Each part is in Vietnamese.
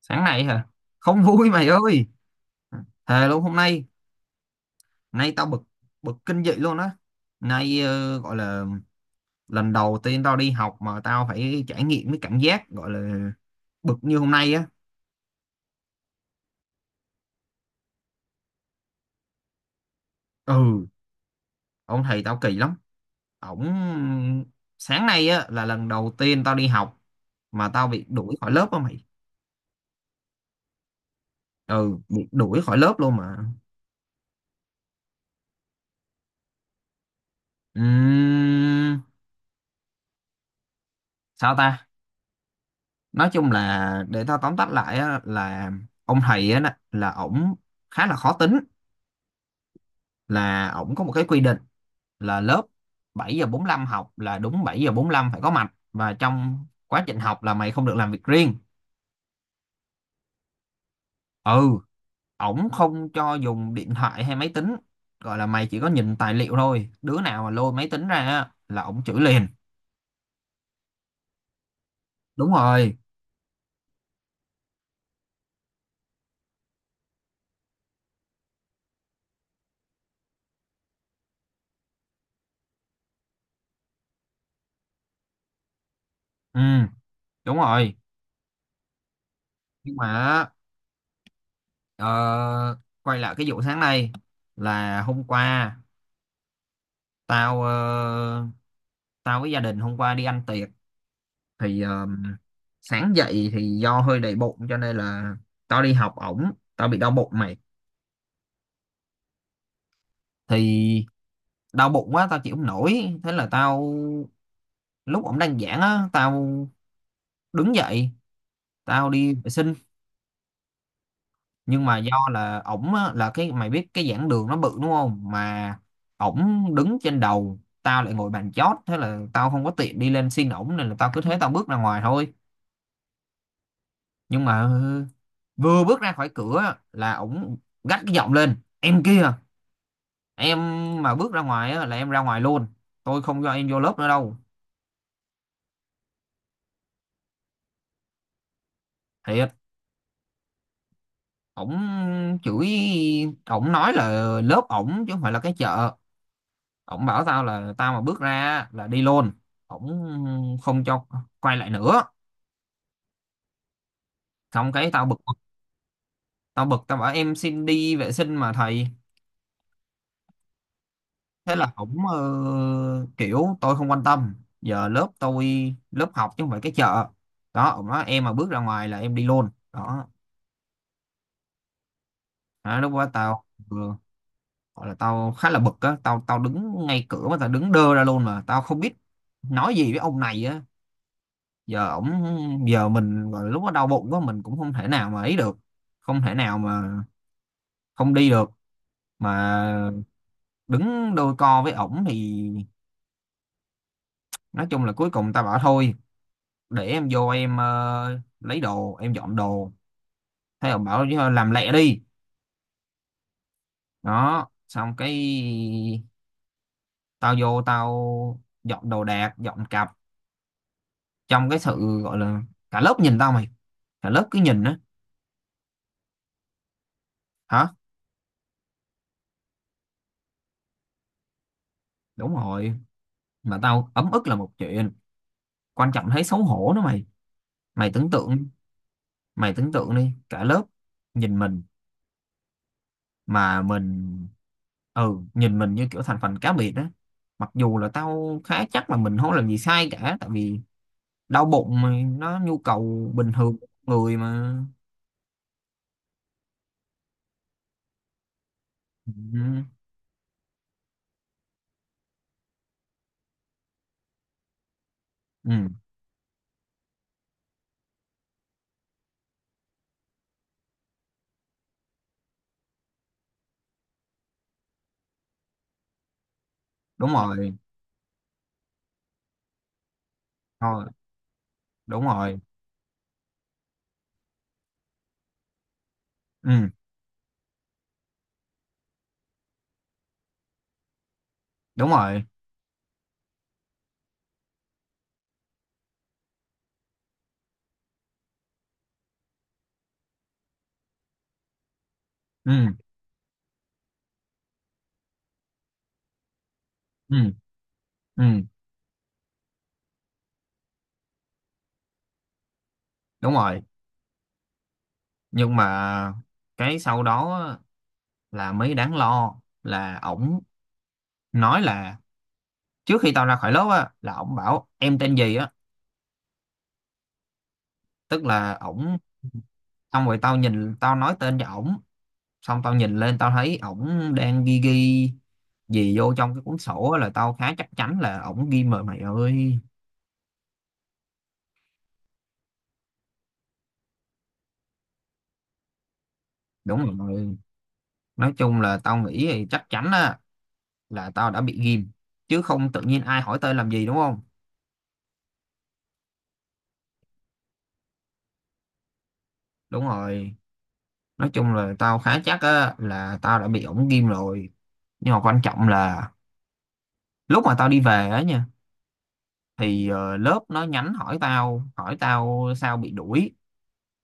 Sáng nay hả? Không vui mày ơi. Thề luôn hôm nay, nay tao bực, bực kinh dị luôn á. Nay gọi là lần đầu tiên tao đi học mà tao phải trải nghiệm cái cảm giác gọi là bực như hôm nay á. Ừ, ông thầy tao kỳ lắm, ổng sáng nay á là lần đầu tiên tao đi học mà tao bị đuổi khỏi lớp á mày. Ừ, bị đuổi khỏi lớp luôn mà. Ừm, Sao ta, nói chung là để tao tóm tắt lại á, là ông thầy á nè, là ổng khá là khó tính, là ổng có một cái quy định là lớp 7:45 học, là đúng 7:45 phải có mặt, và trong quá trình học là mày không được làm việc riêng. Ừ, ổng không cho dùng điện thoại hay máy tính, gọi là mày chỉ có nhìn tài liệu thôi, đứa nào mà lôi máy tính ra á là ổng chửi liền. Đúng rồi. Ừ, đúng rồi. Nhưng mà ờ, quay lại cái vụ sáng nay, là hôm qua tao ờ, tao với gia đình hôm qua đi ăn tiệc. Thì sáng dậy thì do hơi đầy bụng cho nên là tao đi học ổng tao bị đau bụng mày. Thì đau bụng quá tao chịu không nổi, thế là tao, lúc ổng đang giảng á tao đứng dậy tao đi vệ sinh. Nhưng mà do là ổng á, là cái mày biết cái giảng đường nó bự đúng không mà, ổng đứng trên đầu tao lại ngồi bàn chót, thế là tao không có tiện đi lên xin ổng nên là tao cứ thế tao bước ra ngoài thôi. Nhưng mà vừa bước ra khỏi cửa là ổng gắt cái giọng lên: "Em kia, em mà bước ra ngoài á là em ra ngoài luôn, tôi không cho em vô lớp nữa đâu." Thiệt. Ổng chửi, ổng nói là lớp ổng chứ không phải là cái chợ. Ổng bảo tao là tao mà bước ra á là đi luôn, ổng không cho quay lại nữa. Xong cái tao bực. Tao bảo em xin đi vệ sinh mà thầy. Thế là cũng kiểu tôi không quan tâm, giờ lớp tôi, lớp học chứ không phải cái chợ đó, ổng nói em mà bước ra ngoài là em đi luôn đó. Đó, lúc đó tao vừa gọi là tao khá là bực á. Tao tao đứng ngay cửa mà tao đứng đơ ra luôn, mà tao không biết nói gì với ông này á. Giờ ổng, giờ mình gọi là lúc đó đau bụng quá mình cũng không thể nào mà ấy được, không thể nào mà không đi được mà đứng đôi co với ổng thì nói chung là cuối cùng tao bảo thôi để em vô em lấy đồ em dọn đồ. Thế là bảo "Chứ làm lẹ đi." Đó xong cái tao vô tao dọn đồ đạc dọn cặp trong cái sự gọi là cả lớp nhìn tao mày, cả lớp cứ nhìn á. Hả? Đúng rồi, mà tao ấm ức là một chuyện, quan trọng thấy xấu hổ nữa mày. Mày tưởng tượng, mày tưởng tượng đi, cả lớp nhìn mình mà mình, ừ, nhìn mình như kiểu thành phần cá biệt đó, mặc dù là tao khá chắc là mình không làm gì sai cả, tại vì đau bụng mà, nó nhu cầu bình thường của người mà. Ừ. Ừ, đúng rồi. Thôi, đúng rồi. Ừ, đúng rồi. Ừ. Ừ. Ừ, đúng rồi. Nhưng mà cái sau đó á, là mới đáng lo, là ổng nói là trước khi tao ra khỏi lớp á là ổng bảo em tên gì á. Tức là ổng, xong rồi tao nhìn tao nói tên cho ổng, xong tao nhìn lên tao thấy ổng đang ghi ghi gì vô trong cái cuốn sổ á, là tao khá chắc chắn là ổng ghi mờ mày ơi. Đúng rồi. Nói chung là tao nghĩ thì chắc chắn á, là tao đã bị ghim, chứ không tự nhiên ai hỏi tên làm gì đúng không. Đúng rồi. Nói chung là tao khá chắc á, là tao đã bị ổng ghim rồi. Nhưng mà quan trọng là lúc mà tao đi về á nha, thì lớp nó nhắn hỏi tao sao bị đuổi.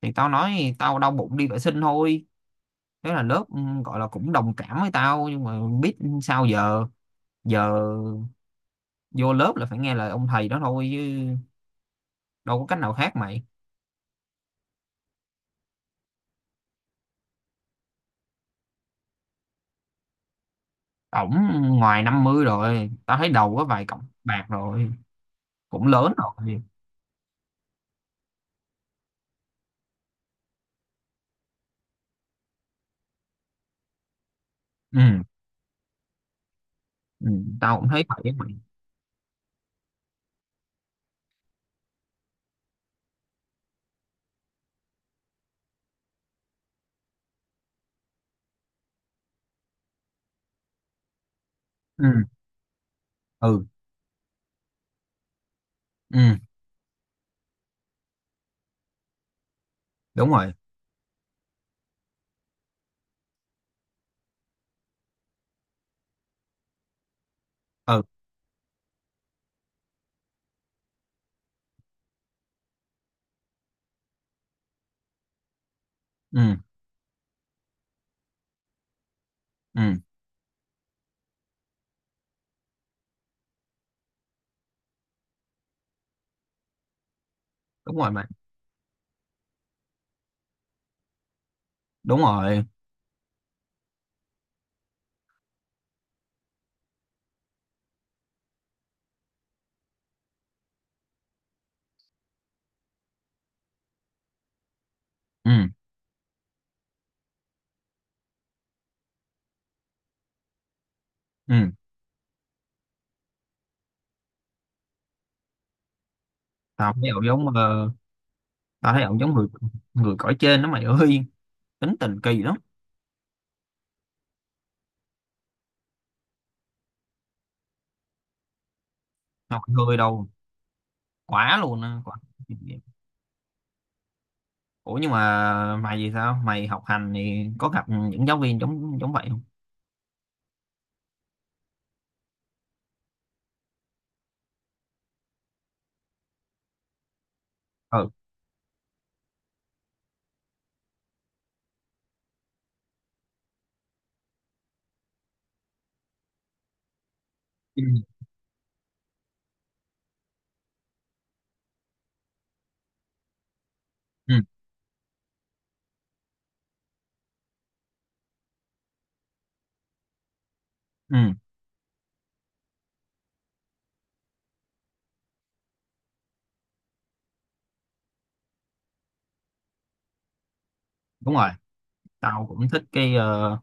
Thì tao nói tao đau bụng đi vệ sinh thôi. Thế là lớp gọi là cũng đồng cảm với tao, nhưng mà biết sao giờ giờ vô lớp là phải nghe lời ông thầy đó thôi chứ đâu có cách nào khác mày. Ổng ngoài 50 rồi, tao thấy đầu có vài cọng bạc rồi, cũng lớn rồi. Ừ. Ừ, tao cũng thấy vậy á mày. Ừ. Ừ. Ừ, đúng rồi. Ừ. Ừ. Ừ, đúng rồi mày. Đúng rồi. Ừ. Ừ. tao thấy ổng giống ờ, Tao thấy ổng giống người người cõi trên đó mày ơi, tính tình kỳ lắm. Không, hơi đâu. Quá luôn á, quá. Ủa nhưng mà mày thì sao, mày học hành thì có gặp những giáo viên giống giống vậy không? Ừ. Ừ. Ừ. Ừ, đúng rồi. Tao cũng thích cái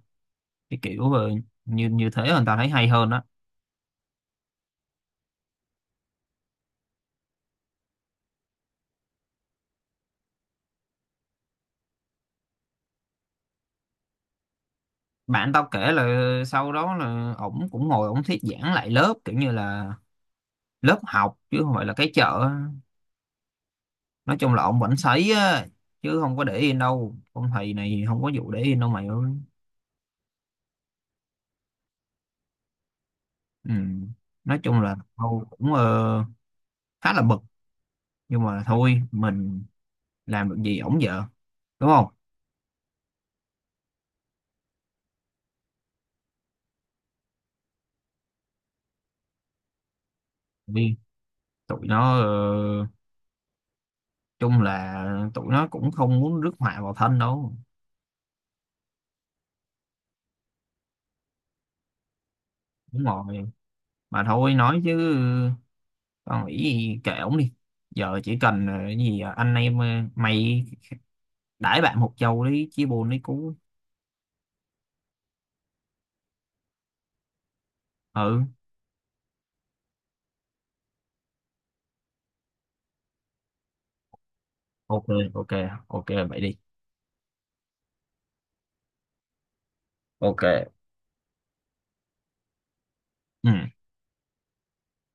cái kiểu như như thế hơn, tao thấy hay hơn đó. Bạn tao kể là sau đó là ổng cũng ngồi ổng thuyết giảng lại lớp kiểu như là lớp học chứ không phải là cái chợ. Nói chung là ổng vẫn sấy á, chứ không có để yên đâu, ông thầy này không có vụ để yên đâu mày ơi. Ừ. Nói chung là tao cũng khá là bực, nhưng mà thôi mình làm được gì ổng vợ đúng không. Vì tụi nó chung là tụi nó cũng không muốn rước họa vào thân đâu. Đúng rồi. Mà thôi nói chứ con nghĩ gì kệ ổng đi. Giờ chỉ cần cái gì anh em mày đãi bạn một chầu đi, chia buồn đi cú. Ừ. OK. OK. OK vậy đi. OK. Ừ.